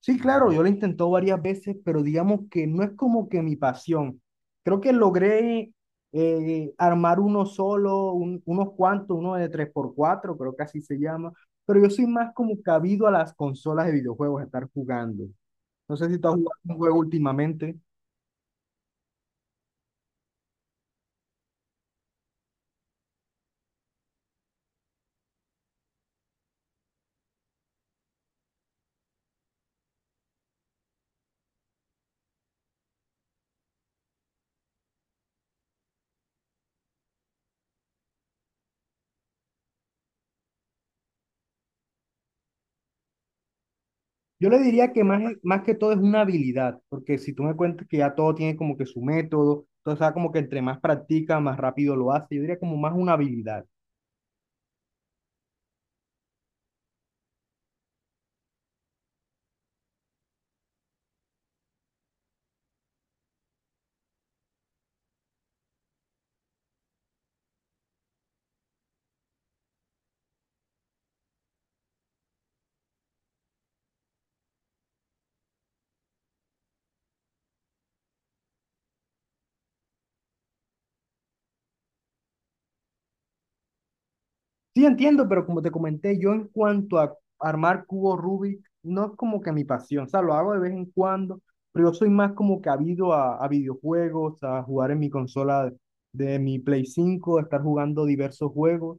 Sí, claro, yo lo he varias veces, pero digamos que no es como que mi pasión. Creo que logré armar uno solo, unos cuantos, uno de tres por cuatro, creo que así se llama, pero yo soy más como cabido a las consolas de videojuegos, a estar jugando. No sé si tú has jugado un juego últimamente. Yo le diría que más que todo es una habilidad, porque si tú me cuentas que ya todo tiene como que su método, entonces ah, como que entre más practica, más rápido lo hace, yo diría como más una habilidad. Sí, entiendo, pero como te comenté, yo en cuanto a armar cubos Rubik, no es como que mi pasión, o sea, lo hago de vez en cuando, pero yo soy más como que habido a videojuegos, a jugar en mi consola de, mi Play 5 a estar jugando diversos juegos.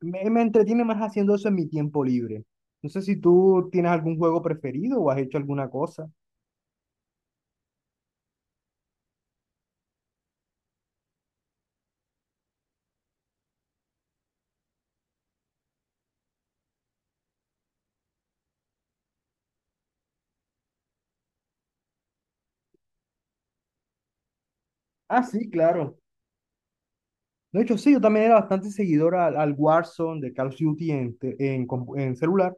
Me entretiene más haciendo eso en mi tiempo libre. No sé si tú tienes algún juego preferido o has hecho alguna cosa. Ah, sí, claro. De hecho, sí, yo también era bastante seguidor al Warzone de Call of Duty en, te- en, compu- en celular,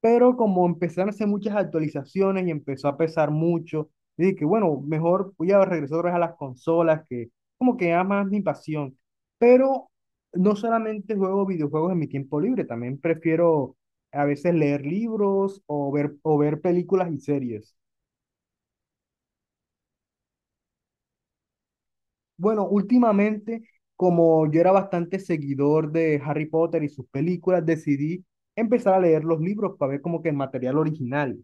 pero como empezaron a hacer muchas actualizaciones y empezó a pesar mucho, dije que bueno, mejor voy a regresar otra vez a las consolas, que como que era más mi pasión. Pero no solamente juego videojuegos en mi tiempo libre, también prefiero a veces leer libros o o ver películas y series. Bueno, últimamente, como yo era bastante seguidor de Harry Potter y sus películas, decidí empezar a leer los libros para ver como que el material original.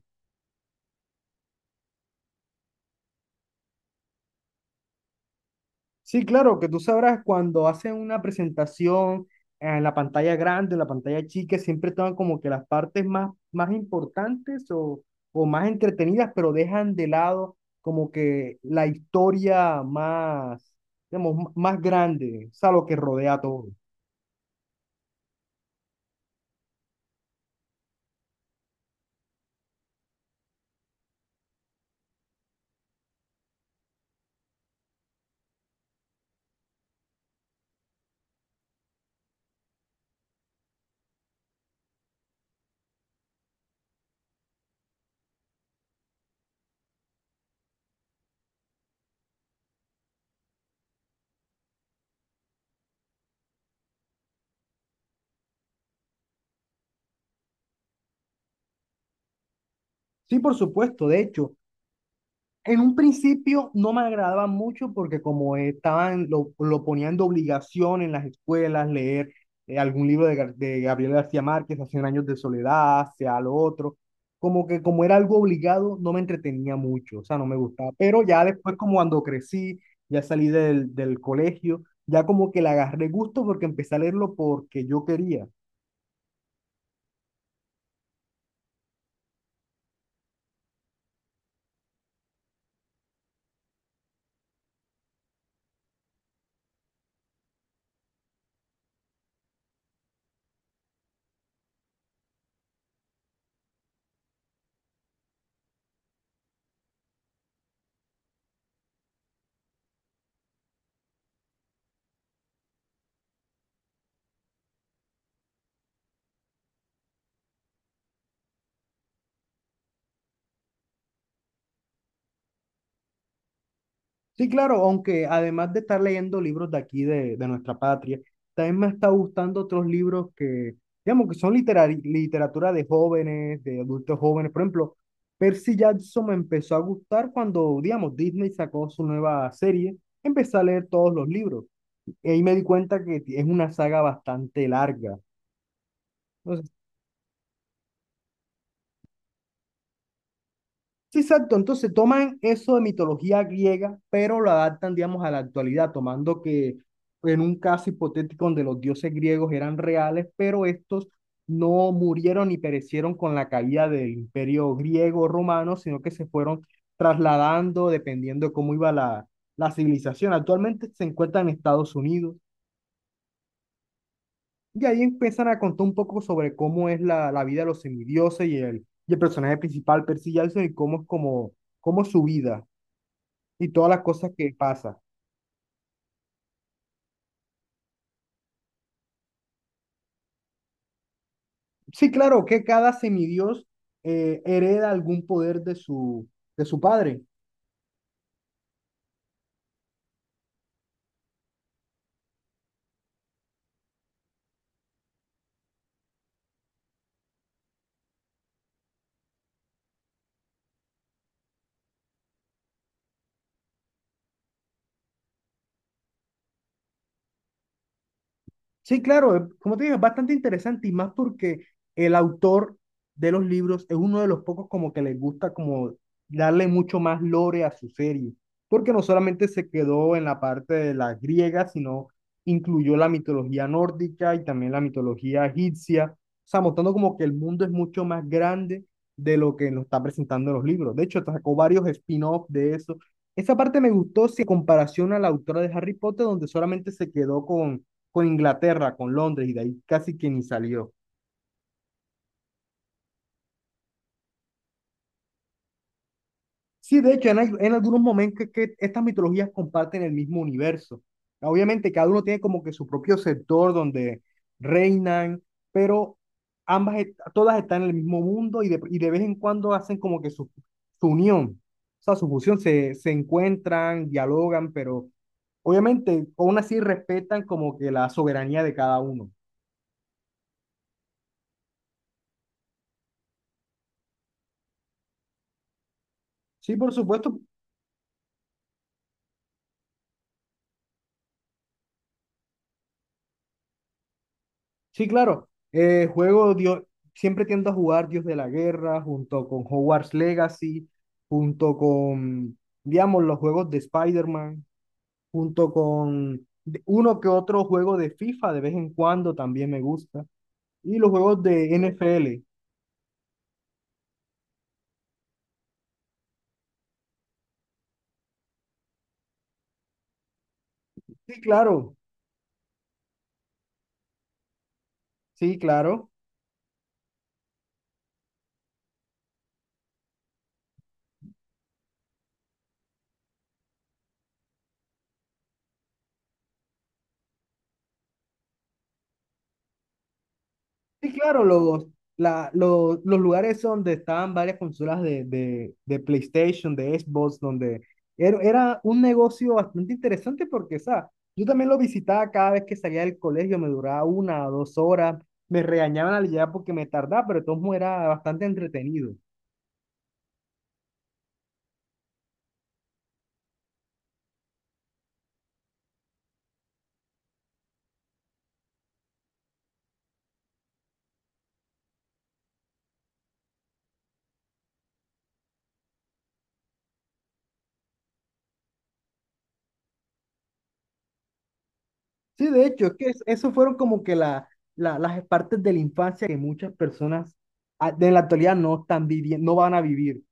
Sí, claro, que tú sabrás, cuando hacen una presentación en la pantalla grande, en la pantalla chica, siempre toman como que las partes más importantes o más entretenidas, pero dejan de lado como que la historia más, digamos, más grande, o sea, lo que rodea a todo. Sí, por supuesto, de hecho. En un principio no me agradaba mucho porque como estaban, lo ponían de obligación en las escuelas, leer algún libro de, de Gabriel García Márquez, hace años de soledad, hacia lo otro, como que como era algo obligado, no me entretenía mucho, o sea, no me gustaba. Pero ya después, como cuando crecí, ya salí del colegio, ya como que le agarré gusto porque empecé a leerlo porque yo quería. Sí, claro, aunque además de estar leyendo libros de aquí, de nuestra patria, también me está gustando otros libros que, digamos, que son literatura de jóvenes, de adultos jóvenes. Por ejemplo, Percy Jackson me empezó a gustar cuando, digamos, Disney sacó su nueva serie. Empecé a leer todos los libros y ahí me di cuenta que es una saga bastante larga. Sí, exacto. Entonces toman eso de mitología griega, pero lo adaptan, digamos, a la actualidad, tomando que en un caso hipotético donde los dioses griegos eran reales, pero estos no murieron ni perecieron con la caída del imperio griego romano, sino que se fueron trasladando dependiendo de cómo iba la civilización. Actualmente se encuentran en Estados Unidos y ahí empiezan a contar un poco sobre cómo es la vida de los semidioses y y el personaje principal, Percy Jackson, y cómo es su vida y todas las cosas que pasa. Sí, claro, que cada semidios hereda algún poder de de su padre. Sí, claro, como te digo, es bastante interesante y más porque el autor de los libros es uno de los pocos como que les gusta como darle mucho más lore a su serie, porque no solamente se quedó en la parte de la griega, sino incluyó la mitología nórdica y también la mitología egipcia, o sea, mostrando como que el mundo es mucho más grande de lo que nos está presentando en los libros. De hecho, sacó varios spin-offs de eso. Esa parte me gustó si en comparación a la autora de Harry Potter, donde solamente se quedó con Inglaterra, con Londres, y de ahí casi que ni salió. Sí, de hecho, en algunos momentos que estas mitologías comparten el mismo universo. Obviamente, cada uno tiene como que su propio sector donde reinan, pero todas están en el mismo mundo y y de vez en cuando hacen como que su unión, o sea, su fusión, se encuentran, dialogan, pero obviamente, aún así respetan como que la soberanía de cada uno. Sí, por supuesto. Sí, claro. Juego Dios, siempre tiendo a jugar Dios de la Guerra junto con Hogwarts Legacy, junto con, digamos, los juegos de Spider-Man, junto con uno que otro juego de FIFA de vez en cuando también me gusta. Y los juegos de NFL. Sí, claro. Sí, claro. Sí, claro, los lugares donde estaban varias consolas de, de PlayStation, de Xbox, donde era un negocio bastante interesante porque, o sea, yo también lo visitaba cada vez que salía del colegio, me duraba una o dos horas, me regañaban al llegar porque me tardaba, pero de todos modos era bastante entretenido. Sí, de hecho, es que eso fueron como que las partes de la infancia que muchas personas ah, de la actualidad no están viviendo, no van a vivir.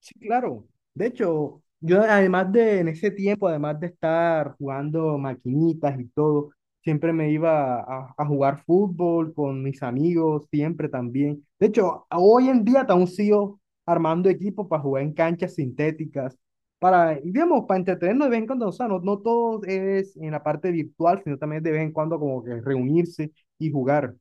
Sí, claro. De hecho, yo además de en ese tiempo, además de estar jugando maquinitas y todo, siempre me iba a jugar fútbol con mis amigos, siempre también. De hecho, hoy en día aún sigo armando equipos para jugar en canchas sintéticas, para, digamos, para entretenernos de vez en cuando. O sea, no, no todo es en la parte virtual, sino también de vez en cuando como que reunirse y jugar.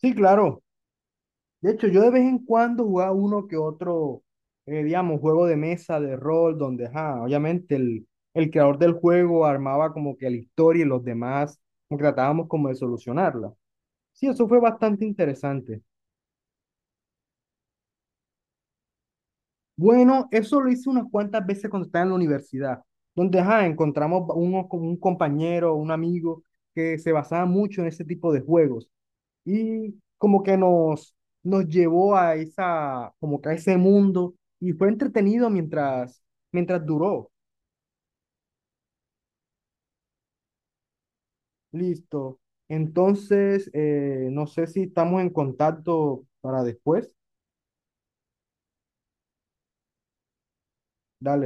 Sí, claro. De hecho, yo de vez en cuando jugaba uno que otro, digamos, juego de mesa, de rol, donde, ajá, obviamente el creador del juego armaba como que la historia y los demás, como que tratábamos como de solucionarla. Sí, eso fue bastante interesante. Bueno, eso lo hice unas cuantas veces cuando estaba en la universidad, donde, ajá, encontramos uno, con un compañero, un amigo que se basaba mucho en ese tipo de juegos. Y como que nos llevó a esa, como que a ese mundo y fue entretenido mientras, mientras duró. Listo. Entonces, no sé si estamos en contacto para después. Dale.